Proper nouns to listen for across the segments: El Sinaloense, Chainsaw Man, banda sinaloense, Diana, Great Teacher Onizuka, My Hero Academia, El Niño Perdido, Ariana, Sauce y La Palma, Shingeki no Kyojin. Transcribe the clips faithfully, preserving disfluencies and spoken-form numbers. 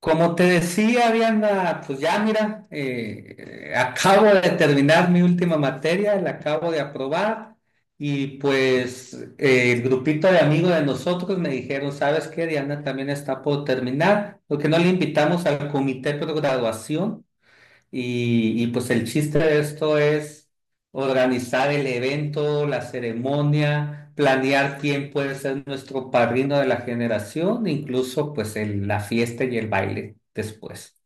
Como te decía, Ariana, pues ya mira, eh, acabo de terminar mi última materia, la acabo de aprobar y pues eh, el grupito de amigos de nosotros me dijeron, ¿sabes qué? Diana también está por terminar, porque no le invitamos al comité de graduación y, y pues el chiste de esto es organizar el evento, la ceremonia, planear quién puede ser nuestro padrino de la generación, incluso pues el- la fiesta y el baile después.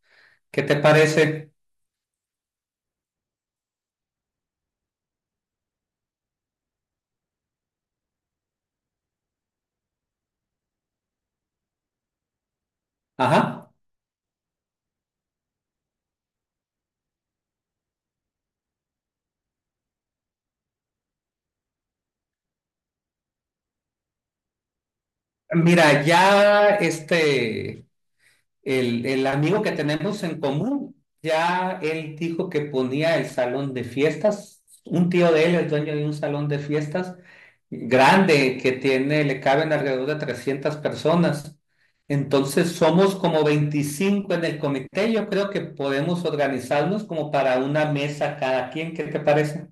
¿Qué te parece? Ajá. Mira, ya este... el, el amigo que tenemos en común, ya él dijo que ponía el salón de fiestas. Un tío de él es dueño de un salón de fiestas grande que tiene, le caben alrededor de trescientas personas. Entonces somos como veinticinco en el comité. Yo creo que podemos organizarnos como para una mesa cada quien. ¿Qué te parece?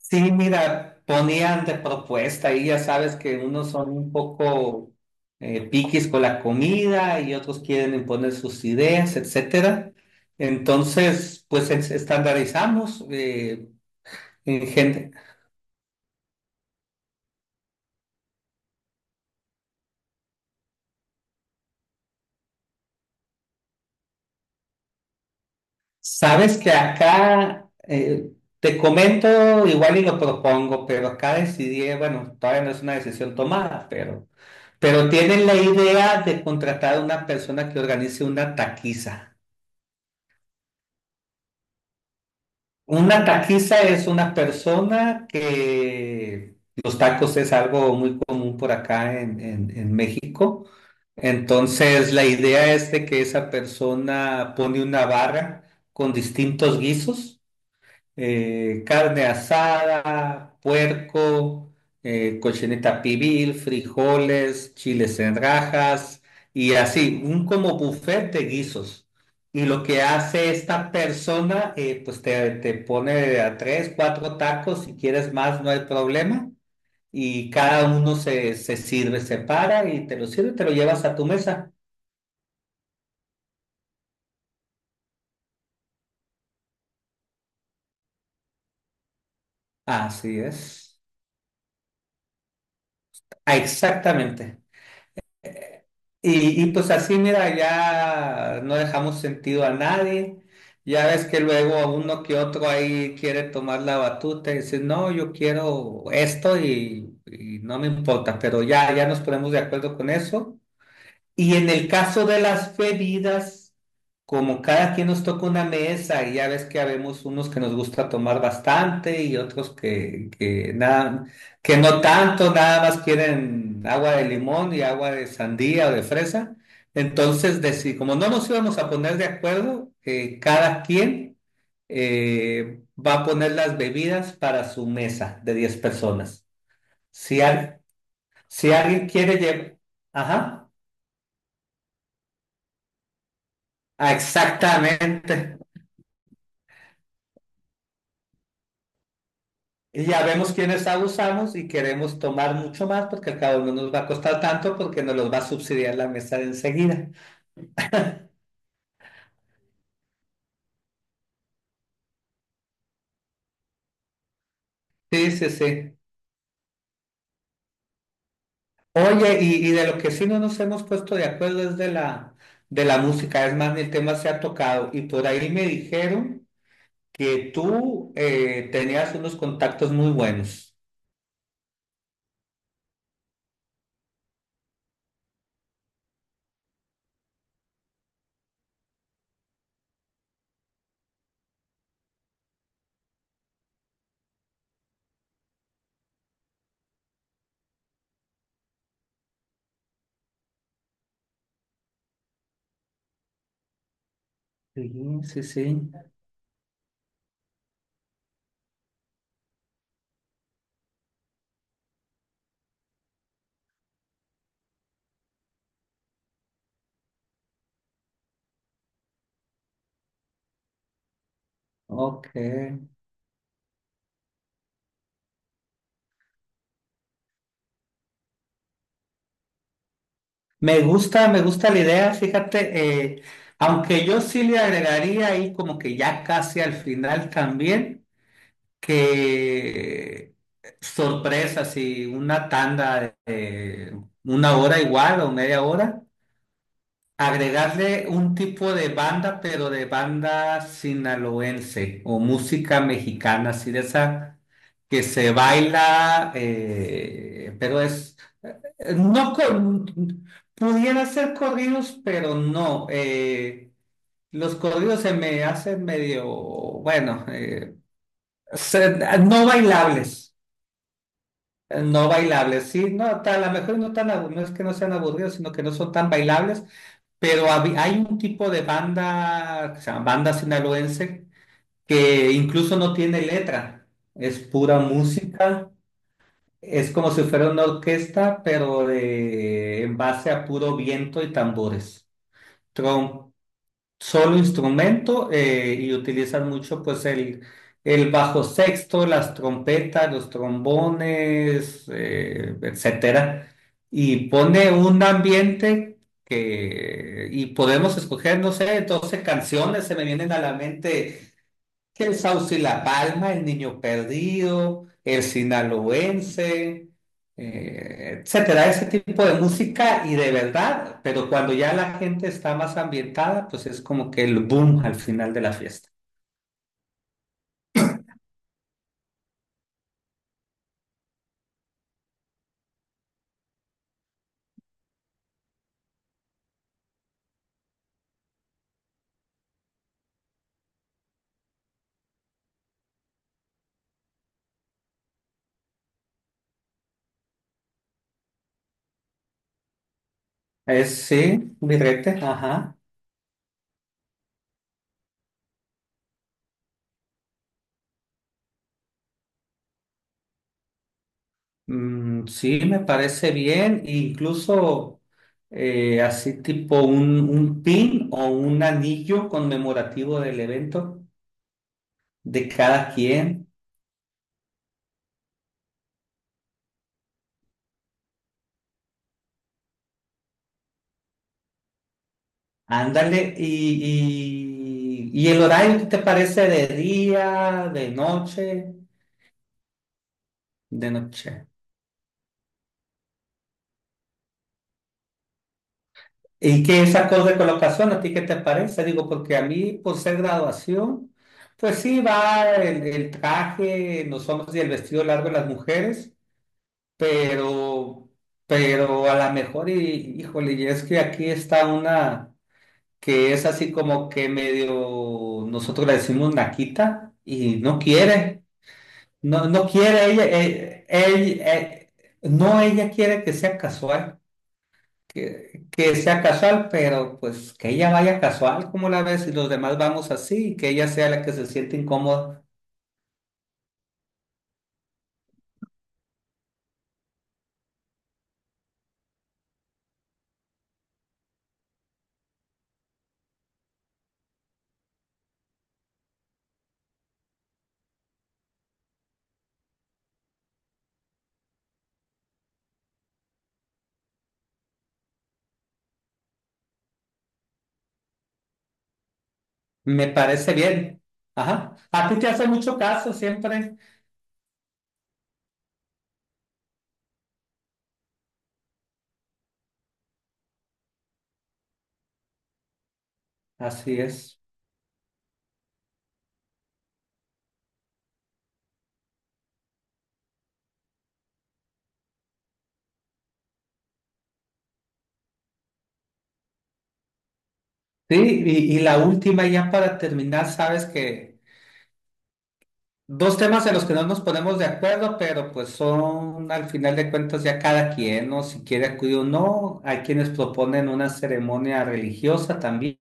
Sí, mira, ponían de propuesta y ya sabes que unos son un poco eh, piquis con la comida y otros quieren imponer sus ideas, etcétera. Entonces, pues es- estandarizamos eh, en gente. Sabes que acá eh, te comento igual y lo propongo, pero acá decidí, bueno, todavía no es una decisión tomada, pero, pero, tienen la idea de contratar a una persona que organice una taquiza. Una taquiza es una persona que los tacos es algo muy común por acá en, en- en México. Entonces, la idea es de que esa persona pone una barra con distintos guisos eh, carne asada, puerco, eh, cochinita pibil, frijoles, chiles en rajas y así, un como buffet de guisos. Y lo que hace esta persona, eh, pues te, te pone a tres, cuatro tacos, si quieres más no hay problema. Y cada uno se, se sirve, se para y te lo sirve, y te lo llevas a tu mesa. Así es. Ah, exactamente. Eh, Y, y pues así, mira, ya no dejamos sentido a nadie. Ya ves que luego uno que otro ahí quiere tomar la batuta y decir, no, yo quiero esto y, y no me importa, pero ya, ya nos ponemos de acuerdo con eso. Y en el caso de las bebidas, como cada quien nos toca una mesa y ya ves que habemos unos que nos gusta tomar bastante y otros que, que, nada, que no tanto, nada más quieren agua de limón y agua de sandía o de fresa. Entonces, deci- como no nos íbamos a poner de acuerdo, eh, cada quien eh, va a poner las bebidas para su mesa de diez personas. Si, al- si alguien quiere llevar... Ajá. Ah, exactamente. Y ya vemos quiénes abusamos y queremos tomar mucho más porque al cabo no nos va a costar tanto porque nos los va a subsidiar la mesa de enseguida. Sí, sí, sí. Oye, y, y de lo que sí no nos hemos puesto de acuerdo es de la, de la música. Es más, ni el tema se ha tocado. Y por ahí me dijeron que tú eh, tenías unos contactos muy buenos. Sí, sí, sí. Ok. Me gusta, me gusta la idea, fíjate, eh, aunque yo sí le agregaría ahí como que ya casi al final también, que sorpresa, si una tanda de una hora igual o media hora, agregarle un tipo de banda, pero de banda sinaloense o música mexicana, así de esa que se baila, eh, pero es, eh, no con, pudiera ser corridos, pero no. Eh, los corridos se me hacen medio, bueno, eh, se- no bailables eh, No bailables, sí, no, ta- a lo mejor no tan, abu- no es que no sean aburridos, sino que no son tan bailables, pero hab- hay un tipo de banda, que se llama banda sinaloense, que incluso no tiene letra, es pura música, es como si fuera una orquesta, pero de- en base a puro viento y tambores solo instrumento eh, y utilizan mucho pues el, el bajo sexto, las trompetas, los trombones, eh, etcétera. Y pone un ambiente que, y podemos escoger, no sé, doce canciones, se me vienen a la mente el Sauce y La Palma, El Niño Perdido, El Sinaloense, eh, etcétera, ese tipo de música y de verdad, pero cuando ya la gente está más ambientada, pues es como que el boom al final de la fiesta. Es, sí, birrete, ajá. Mm, sí, me parece bien, incluso eh, así tipo un, un, pin o un anillo conmemorativo del evento de cada quien. Ándale, y, y, y el horario qué te parece de día, de noche, de noche. ¿Y qué es acorde de colocación? ¿A ti qué te parece? Digo, porque a mí, por ser graduación, pues sí va el, el traje en los hombres y el vestido largo en las mujeres, pero, pero a lo mejor, y, híjole, y es que aquí está una que es así como que medio, nosotros le decimos naquita y no quiere. No, no quiere ella, eh, él, eh, no ella quiere que sea casual, que, que sea casual, pero pues que ella vaya casual, como la ves, y los demás vamos así, y que ella sea la que se siente incómoda, me parece bien. Ajá. A ti te hace mucho caso siempre. Así es. Sí, y, y la última ya para terminar, sabes que dos temas en los que no nos ponemos de acuerdo, pero pues son al final de cuentas ya cada quien, ¿no? Si quiere acudir o no. Hay quienes proponen una ceremonia religiosa también.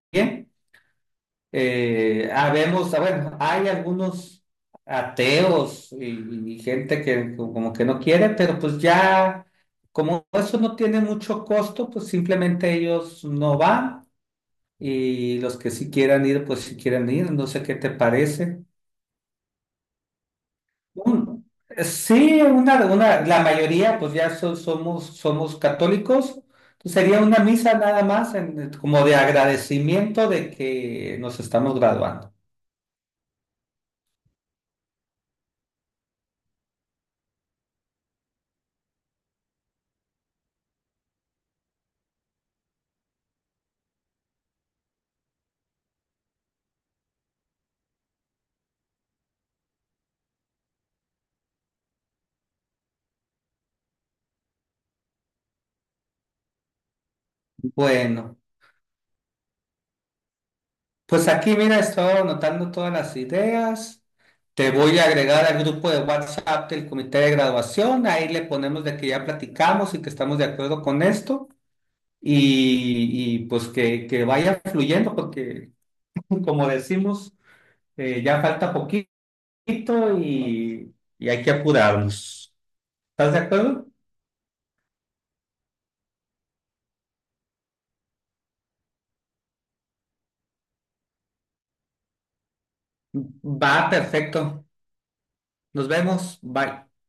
Eh, habemos, bueno, hay algunos ateos y, y gente que como que no quiere, pero pues ya, como eso no tiene mucho costo, pues simplemente ellos no van y los que sí quieran ir, pues sí quieren ir. No sé qué te parece. Un- sí, una, una, la mayoría, pues ya so- somos, somos católicos. Entonces, sería una misa nada más, en- como de agradecimiento de que nos estamos graduando. Bueno, pues aquí, mira, estoy anotando todas las ideas. Te voy a agregar al grupo de WhatsApp del comité de graduación. Ahí le ponemos de que ya platicamos y que estamos de acuerdo con esto. Y, y, pues que, que vaya fluyendo, porque como decimos, eh, ya falta poquito. poquito y, y hay que apurarnos. ¿Estás de acuerdo? Va, perfecto. Nos vemos. Bye.